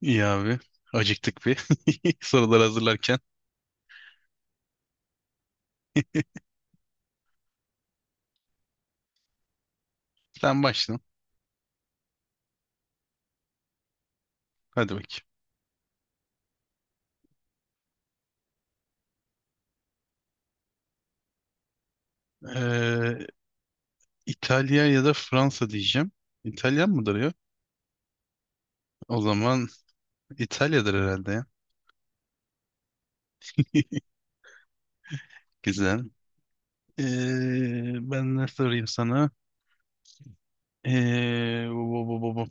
İyi abi. Acıktık bir. Sorular hazırlarken. Sen başla. Hadi bakayım. Ee, İtalya ya da Fransa diyeceğim. İtalyan mıdır ya? O zaman İtalya'dır herhalde ya. Güzel. Ben ne sorayım sana? Bu, bu, bu, bu. Bu.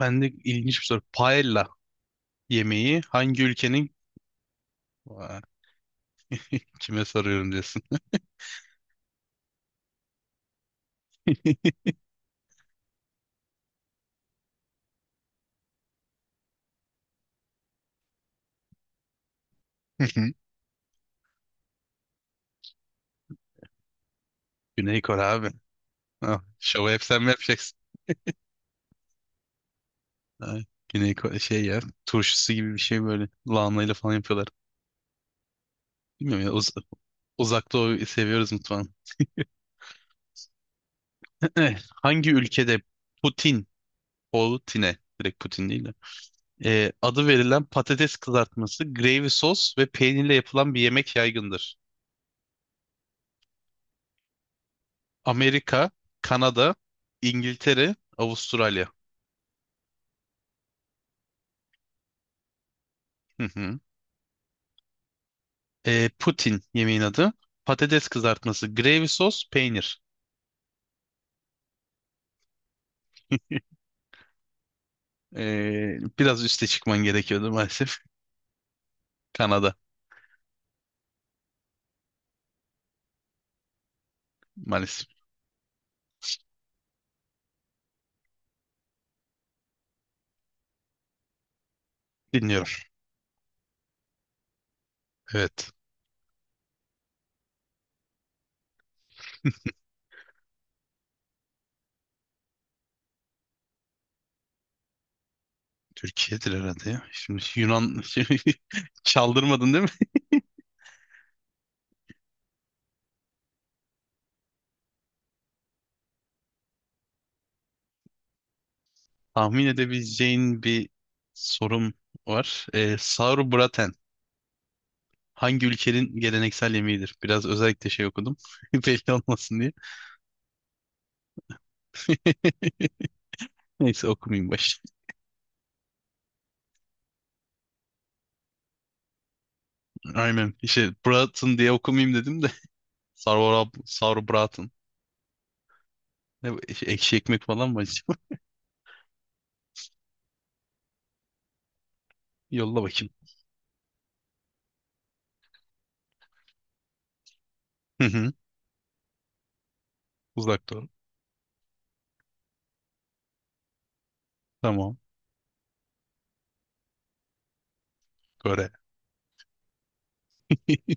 Ben de ilginç bir soru. Paella yemeği hangi ülkenin... Vay, kime soruyorum diyorsun. Güney Kore abi. Ah, şovu hep sen mi yapacaksın? Ha, Güney Kore şey ya, turşusu gibi bir şey, böyle lahanayla falan yapıyorlar. Bilmiyorum ya, uzak doğu seviyoruz mutfağını. Hangi ülkede Putin, Putin'e direkt Putin değil de adı verilen patates kızartması, gravy sos ve peynirle yapılan bir yemek yaygındır? Amerika, Kanada, İngiltere, Avustralya. Hı hı. E, Putin yemeğin adı. Patates kızartması, gravy sos, peynir. E, biraz üste çıkman gerekiyordu maalesef. Kanada maalesef. Dinliyor. Evet. Türkiye'dir herhalde ya. Şimdi Yunan, şimdi çaldırmadın değil mi? Tahmin edebileceğin bir sorum var. Sauerbraten hangi ülkenin geleneksel yemeğidir? Biraz özellikle şey okudum. Belli olmasın diye. Neyse okumayayım baş. Aynen. İşte Braten diye okumayayım dedim de. Sauerbraten. Ne bu? Şey, ekşi ekmek falan mı acaba? Yolla bakayım. Hı hı. Uzak doğru. Tamam. Kore.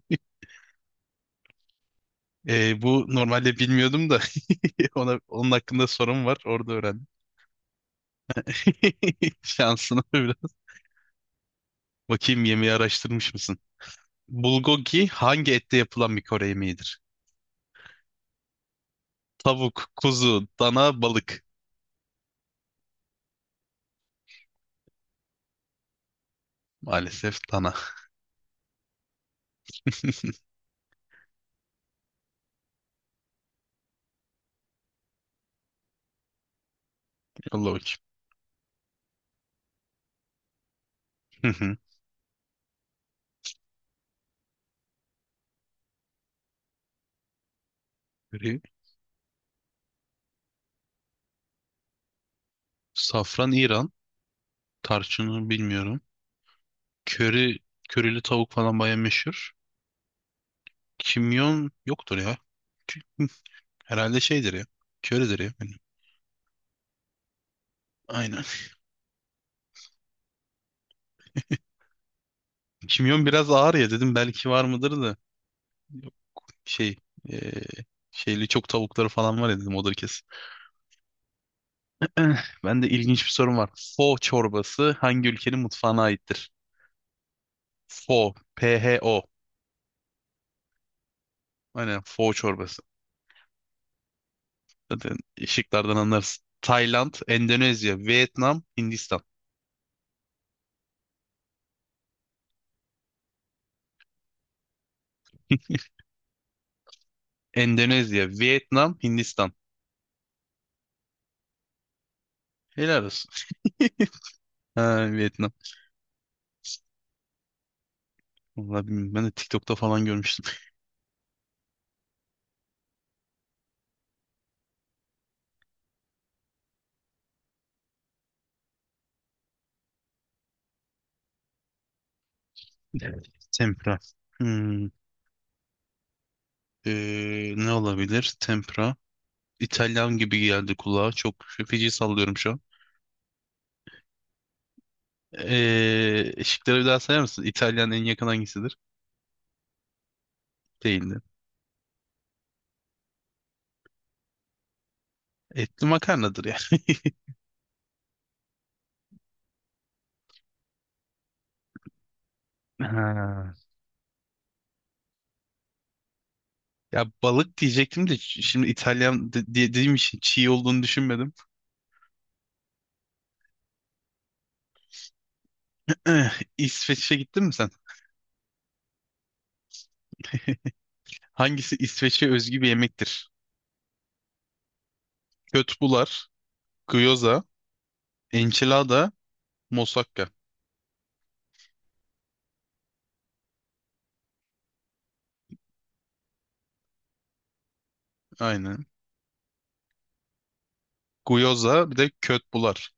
Bu normalde bilmiyordum da onun hakkında sorum var. Orada öğrendim. Şansına biraz. Bakayım yemeği araştırmış mısın? Bulgogi hangi ette yapılan bir Kore yemeğidir? Tavuk, kuzu, dana, balık. Maalesef dana. Allah bakayım. Hı hı. Köri, safran İran. Tarçını bilmiyorum. Köri, körili tavuk falan baya meşhur. Kimyon yoktur ya. Herhalde şeydir ya. Köridir ya. Aynen. Kimyon biraz ağır ya dedim, belki var mıdır da. Şey, e, şeyli çok tavukları falan var ya dedim, odur kesin. Ben de ilginç bir sorum var. Pho çorbası hangi ülkenin mutfağına aittir? Pho, P-H-O. Aynen pho çorbası. Zaten şıklardan anlarsın. Tayland, Endonezya, Vietnam, Hindistan. Endonezya, Vietnam, Hindistan. Helal olsun. Ha, Vietnam. Vallahi bilmiyorum. Ben de TikTok'ta falan görmüştüm. Evet. Tempra. Hmm. Ne olabilir? Tempra. İtalyan gibi geldi kulağa. Çok feci sallıyorum şu an. Şıkları bir daha sayar mısın? İtalyan en yakın hangisidir? Değildi. Etli makarnadır ya. Ha. Ya balık diyecektim de, şimdi İtalyan diye dediğim için çiğ olduğunu düşünmedim. Eh, İsveç'e gittin mi sen? Hangisi İsveç'e özgü bir yemektir? Kötbular, gyoza, enchilada, moussaka. Aynen. Gyoza bir de kötbular.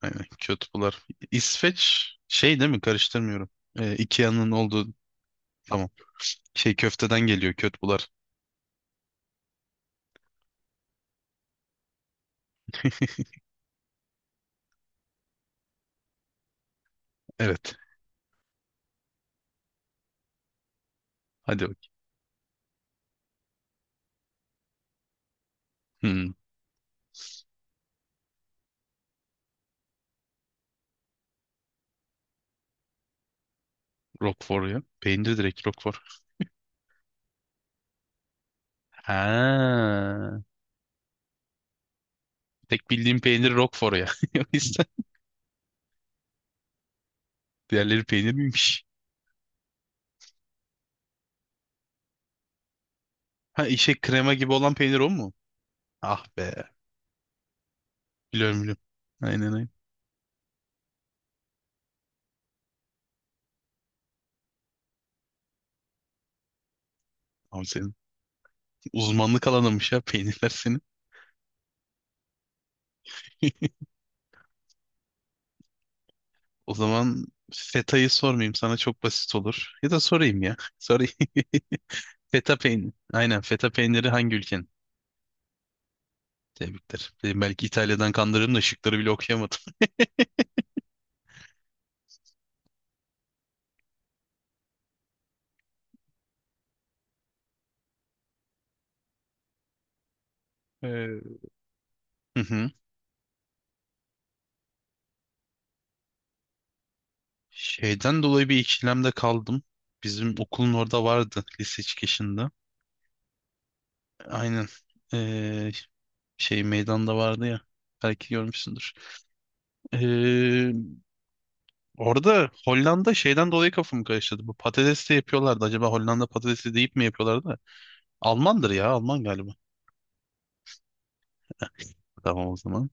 Aynen kötbular. İsveç şey değil mi? Karıştırmıyorum. Ikea'nın olduğu, tamam. Şey, köfteden geliyor kötbular. Evet. Hadi bakayım. Hmm, Roquefort ya. Peynir direkt Roquefort. Ha. Tek bildiğim peynir Roquefort ya. O yüzden diğerleri peynir miymiş? Ha, işe krema gibi olan peynir o mu? Ah be. Biliyorum, biliyorum. Aynen, aynen. Abi senin uzmanlık alanınmış ya, peynirler senin. O zaman feta'yı sormayayım sana, çok basit olur. Ya da sorayım ya. Sorayım. Feta peyniri. Aynen, feta peyniri hangi ülkenin? Tebrikler. Dedim belki İtalya'dan kandırırım da şıkları bile okuyamadım. Ee, hı hı. Şeyden dolayı bir ikilemde kaldım. Bizim okulun orada vardı, lise çıkışında. Aynen. Ee, şey meydanda vardı ya. Belki görmüşsündür. Ee, orada Hollanda şeyden dolayı kafamı karıştırdı. Bu patates de yapıyorlardı. Acaba Hollanda patatesi deyip mi yapıyorlardı? Almandır ya. Alman galiba. Tamam o zaman.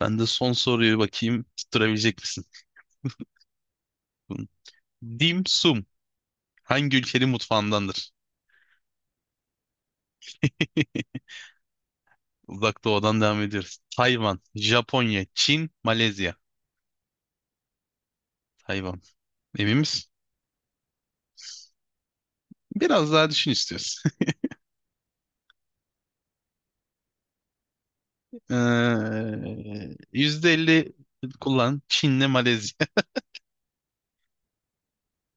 Ben de son soruyu bakayım, tutturabilecek misin? Dim sum hangi ülkenin mutfağındandır? Uzak Doğu'dan devam ediyoruz. Tayvan, Japonya, Çin, Malezya. Tayvan. Emin misin? Biraz daha düşün istiyorsun. Ee, %50 kullan. Çin'le Malezya.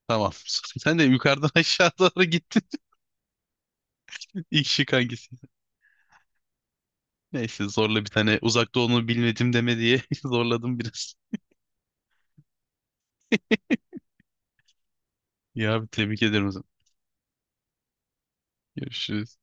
Tamam. Sen de yukarıdan aşağı doğru gittin. İlk şık hangisi? Neyse, zorla bir tane Uzak Doğu'nu bilmedim deme diye zorladım biraz. Ya abi, tebrik ederim o zaman. Görüşürüz.